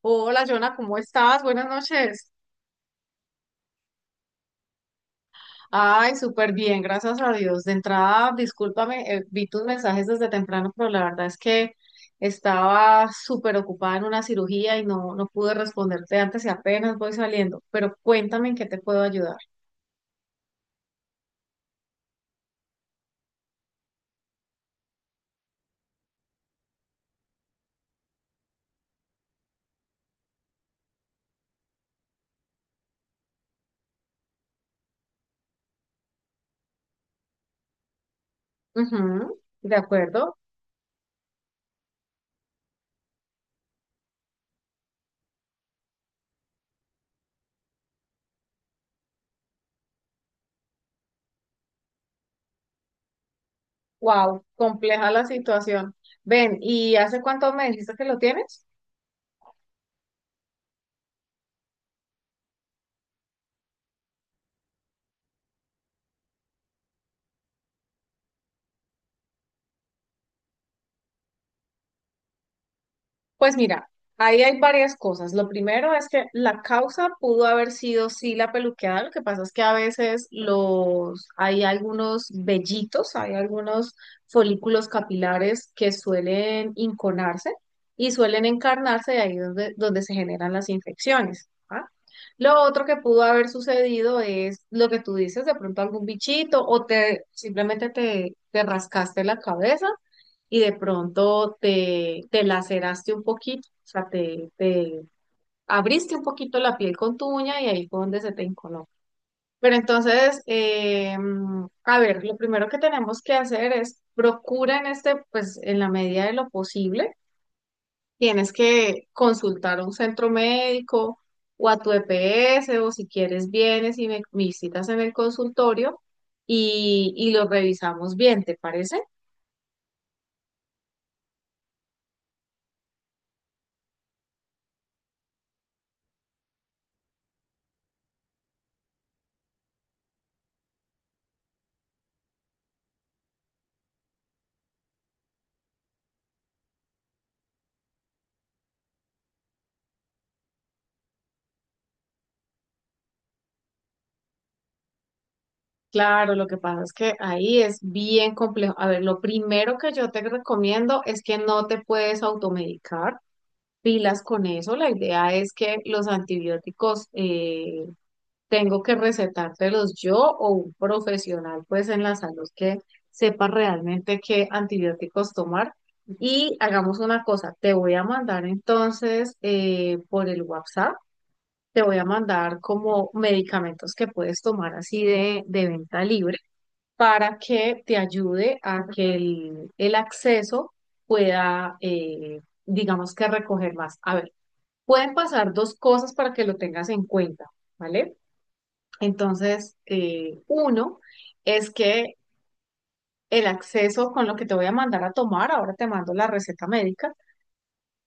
Hola, Jonah, ¿cómo estás? Buenas noches. Ay, súper bien, gracias a Dios. De entrada, discúlpame, vi tus mensajes desde temprano, pero la verdad es que estaba súper ocupada en una cirugía y no pude responderte antes y apenas voy saliendo. Pero cuéntame en qué te puedo ayudar. Ujú, ¿de acuerdo? Wow, compleja la situación. Ven, ¿y hace cuánto me dijiste que lo tienes? Pues mira, ahí hay varias cosas. Lo primero es que la causa pudo haber sido sí la peluqueada. Lo que pasa es que a veces los hay algunos vellitos, hay algunos folículos capilares que suelen inconarse y suelen encarnarse de ahí donde se generan las infecciones. ¿Ah? Lo otro que pudo haber sucedido es lo que tú dices, de pronto algún bichito o te simplemente te rascaste la cabeza y de pronto te laceraste un poquito, o sea, te abriste un poquito la piel con tu uña y ahí fue donde se te encoló. Pero entonces, a ver, lo primero que tenemos que hacer es procura en este, pues en la medida de lo posible, tienes que consultar a un centro médico o a tu EPS o si quieres vienes y me visitas en el consultorio y lo revisamos bien, ¿te parece? Claro, lo que pasa es que ahí es bien complejo. A ver, lo primero que yo te recomiendo es que no te puedes automedicar. Pilas con eso. La idea es que los antibióticos tengo que recetártelos yo o un profesional, pues en la salud que sepa realmente qué antibióticos tomar. Y hagamos una cosa, te voy a mandar entonces por el WhatsApp, te voy a mandar como medicamentos que puedes tomar así de venta libre para que te ayude a que el acceso pueda, digamos que recoger más. A ver, pueden pasar dos cosas para que lo tengas en cuenta, ¿vale? Entonces, uno es que el acceso con lo que te voy a mandar a tomar, ahora te mando la receta médica,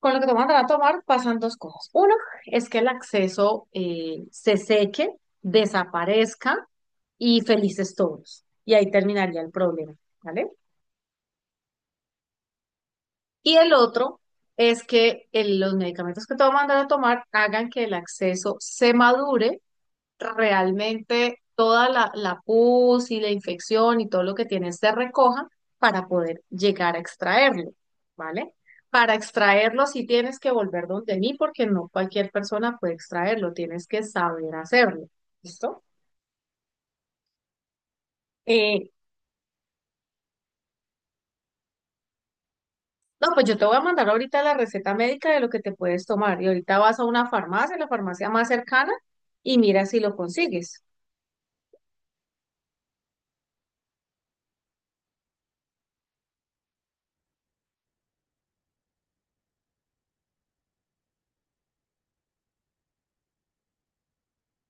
con lo que te voy a mandar a tomar pasan dos cosas. Uno es que el acceso se seque, desaparezca y felices todos. Y ahí terminaría el problema, ¿vale? Y el otro es que los medicamentos que te va a mandar a tomar hagan que el acceso se madure realmente toda la pus y la infección y todo lo que tiene se recoja para poder llegar a extraerlo, ¿vale? Para extraerlo sí tienes que volver donde mí porque no cualquier persona puede extraerlo, tienes que saber hacerlo, ¿listo? Eh, No, pues yo te voy a mandar ahorita la receta médica de lo que te puedes tomar y ahorita vas a una farmacia, la farmacia más cercana, y mira si lo consigues.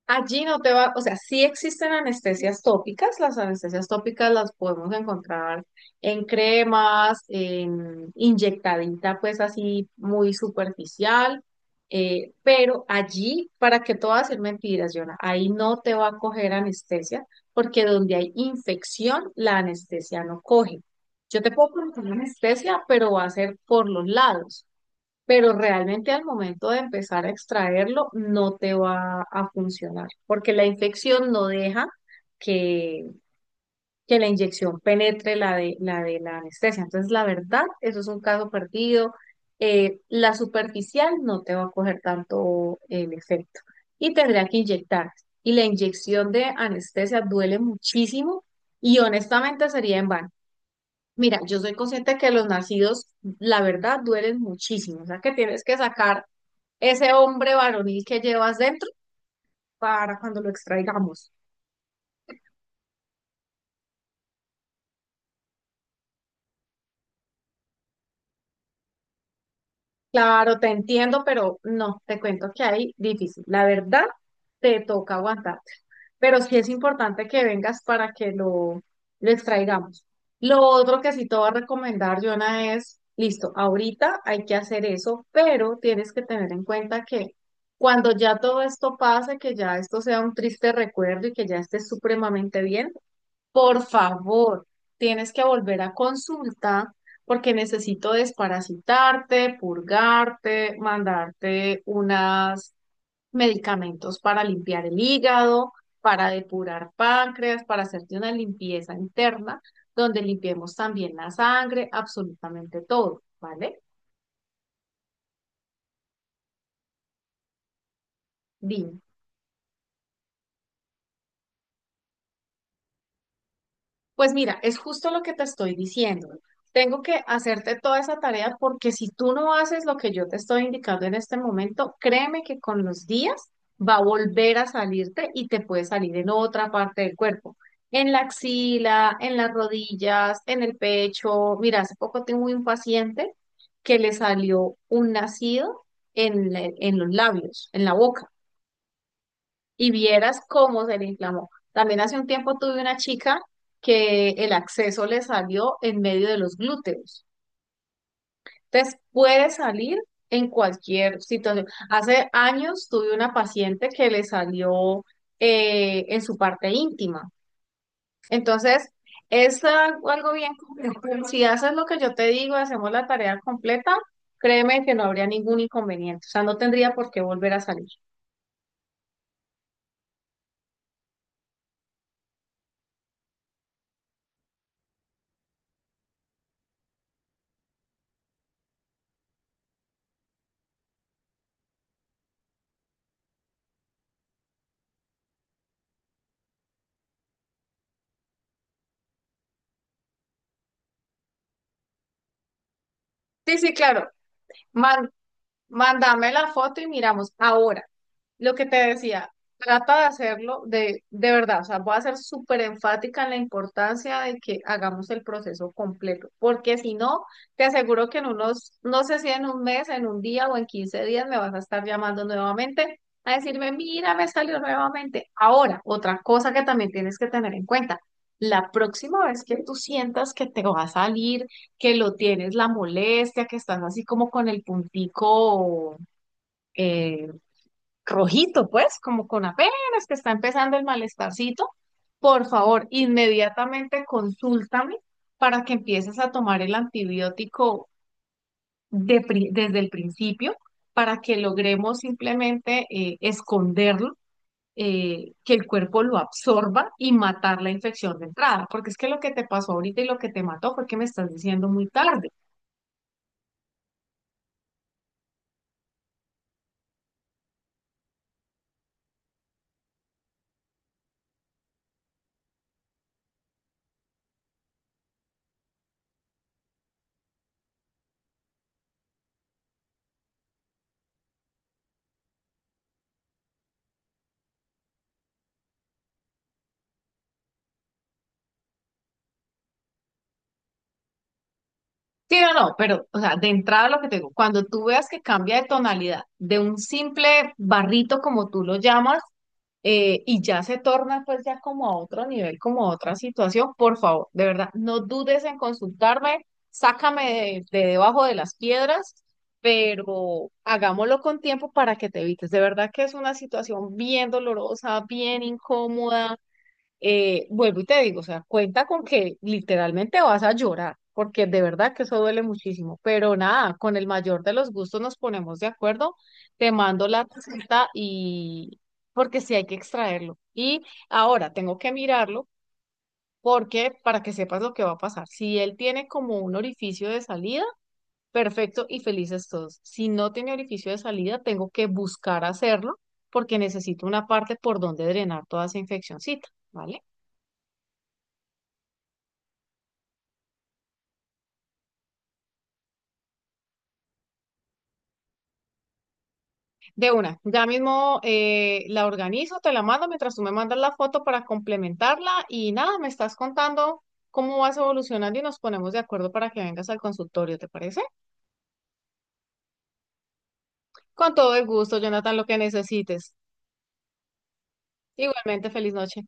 Allí no te va, o sea, sí existen anestesias tópicas las podemos encontrar en cremas, en inyectadita, pues así muy superficial, pero allí, para que todo hacer mentiras, Yona, ahí no te va a coger anestesia, porque donde hay infección, la anestesia no coge. Yo te puedo poner una anestesia, pero va a ser por los lados pero realmente al momento de empezar a extraerlo no te va a funcionar, porque la infección no deja que, que la inyección penetre la de la anestesia. Entonces, la verdad, eso es un caso perdido. La superficial no te va a coger tanto el efecto y tendría que inyectar. Y la inyección de anestesia duele muchísimo y honestamente sería en vano. Mira, yo soy consciente que los nacidos, la verdad, duelen muchísimo. O sea, que tienes que sacar ese hombre varonil que llevas dentro para cuando lo extraigamos. Claro, te entiendo, pero no, te cuento que ahí difícil. La verdad, te toca aguantar, pero sí es importante que vengas para que lo extraigamos. Lo otro que sí te voy a recomendar, Jonah, es, listo, ahorita hay que hacer eso, pero tienes que tener en cuenta que cuando ya todo esto pase, que ya esto sea un triste recuerdo y que ya estés supremamente bien, por favor, tienes que volver a consulta porque necesito desparasitarte, purgarte, mandarte unos medicamentos para limpiar el hígado, para depurar páncreas, para hacerte una limpieza interna, donde limpiemos también la sangre, absolutamente todo, ¿vale? Dime. Pues mira, es justo lo que te estoy diciendo. Tengo que hacerte toda esa tarea porque si tú no haces lo que yo te estoy indicando en este momento, créeme que con los días va a volver a salirte y te puede salir en otra parte del cuerpo, en la axila, en las rodillas, en el pecho. Mira, hace poco tengo un paciente que le salió un nacido en, en los labios, en la boca y vieras cómo se le inflamó. También hace un tiempo tuve una chica que el acceso le salió en medio de los glúteos. Entonces, puede salir en cualquier situación. Hace años tuve una paciente que le salió en su parte íntima. Entonces, es algo bien complejo. Si haces lo que yo te digo, hacemos la tarea completa, créeme que no habría ningún inconveniente. O sea, no tendría por qué volver a salir. Sí, sí, claro. Más Mándame la foto y miramos. Ahora, lo que te decía, trata de hacerlo de verdad, o sea, voy a ser súper enfática en la importancia de que hagamos el proceso completo, porque si no, te aseguro que en unos, no sé si en un mes, en un día o en 15 días me vas a estar llamando nuevamente a decirme, mira, me salió nuevamente. Ahora, otra cosa que también tienes que tener en cuenta. La próxima vez que tú sientas que te va a salir, que lo tienes la molestia, que estás así como con el puntico eh, rojito, pues, como con apenas que está empezando el malestarcito, por favor, inmediatamente consúltame para que empieces a tomar el antibiótico desde el principio, para que logremos simplemente esconderlo, que el cuerpo lo absorba y matar la infección de entrada, porque es que lo que te pasó ahorita y lo que te mató fue que me estás diciendo muy tarde. Sí, no, pero, o sea, de entrada lo que te digo, cuando tú veas que cambia de tonalidad de un simple barrito, como tú lo llamas, y ya se torna pues ya como a otro nivel, como a otra situación, por favor, de verdad, no dudes en consultarme, sácame de debajo de las piedras, pero hagámoslo con tiempo para que te evites. De verdad que es una situación bien dolorosa, bien incómoda vuelvo y te digo, o sea, cuenta con que literalmente vas a llorar, porque de verdad que eso duele muchísimo, pero nada, con el mayor de los gustos nos ponemos de acuerdo, te mando la receta y porque sí hay que extraerlo. Y ahora tengo que mirarlo porque para que sepas lo que va a pasar. Si él tiene como un orificio de salida, perfecto y felices todos. Si no tiene orificio de salida, tengo que buscar hacerlo porque necesito una parte por donde drenar toda esa infeccióncita, ¿vale? De una, ya mismo la organizo, te la mando mientras tú me mandas la foto para complementarla y nada, me estás contando cómo vas evolucionando y nos ponemos de acuerdo para que vengas al consultorio, ¿te parece? Con todo el gusto, Jonathan, lo que necesites. Igualmente, feliz noche.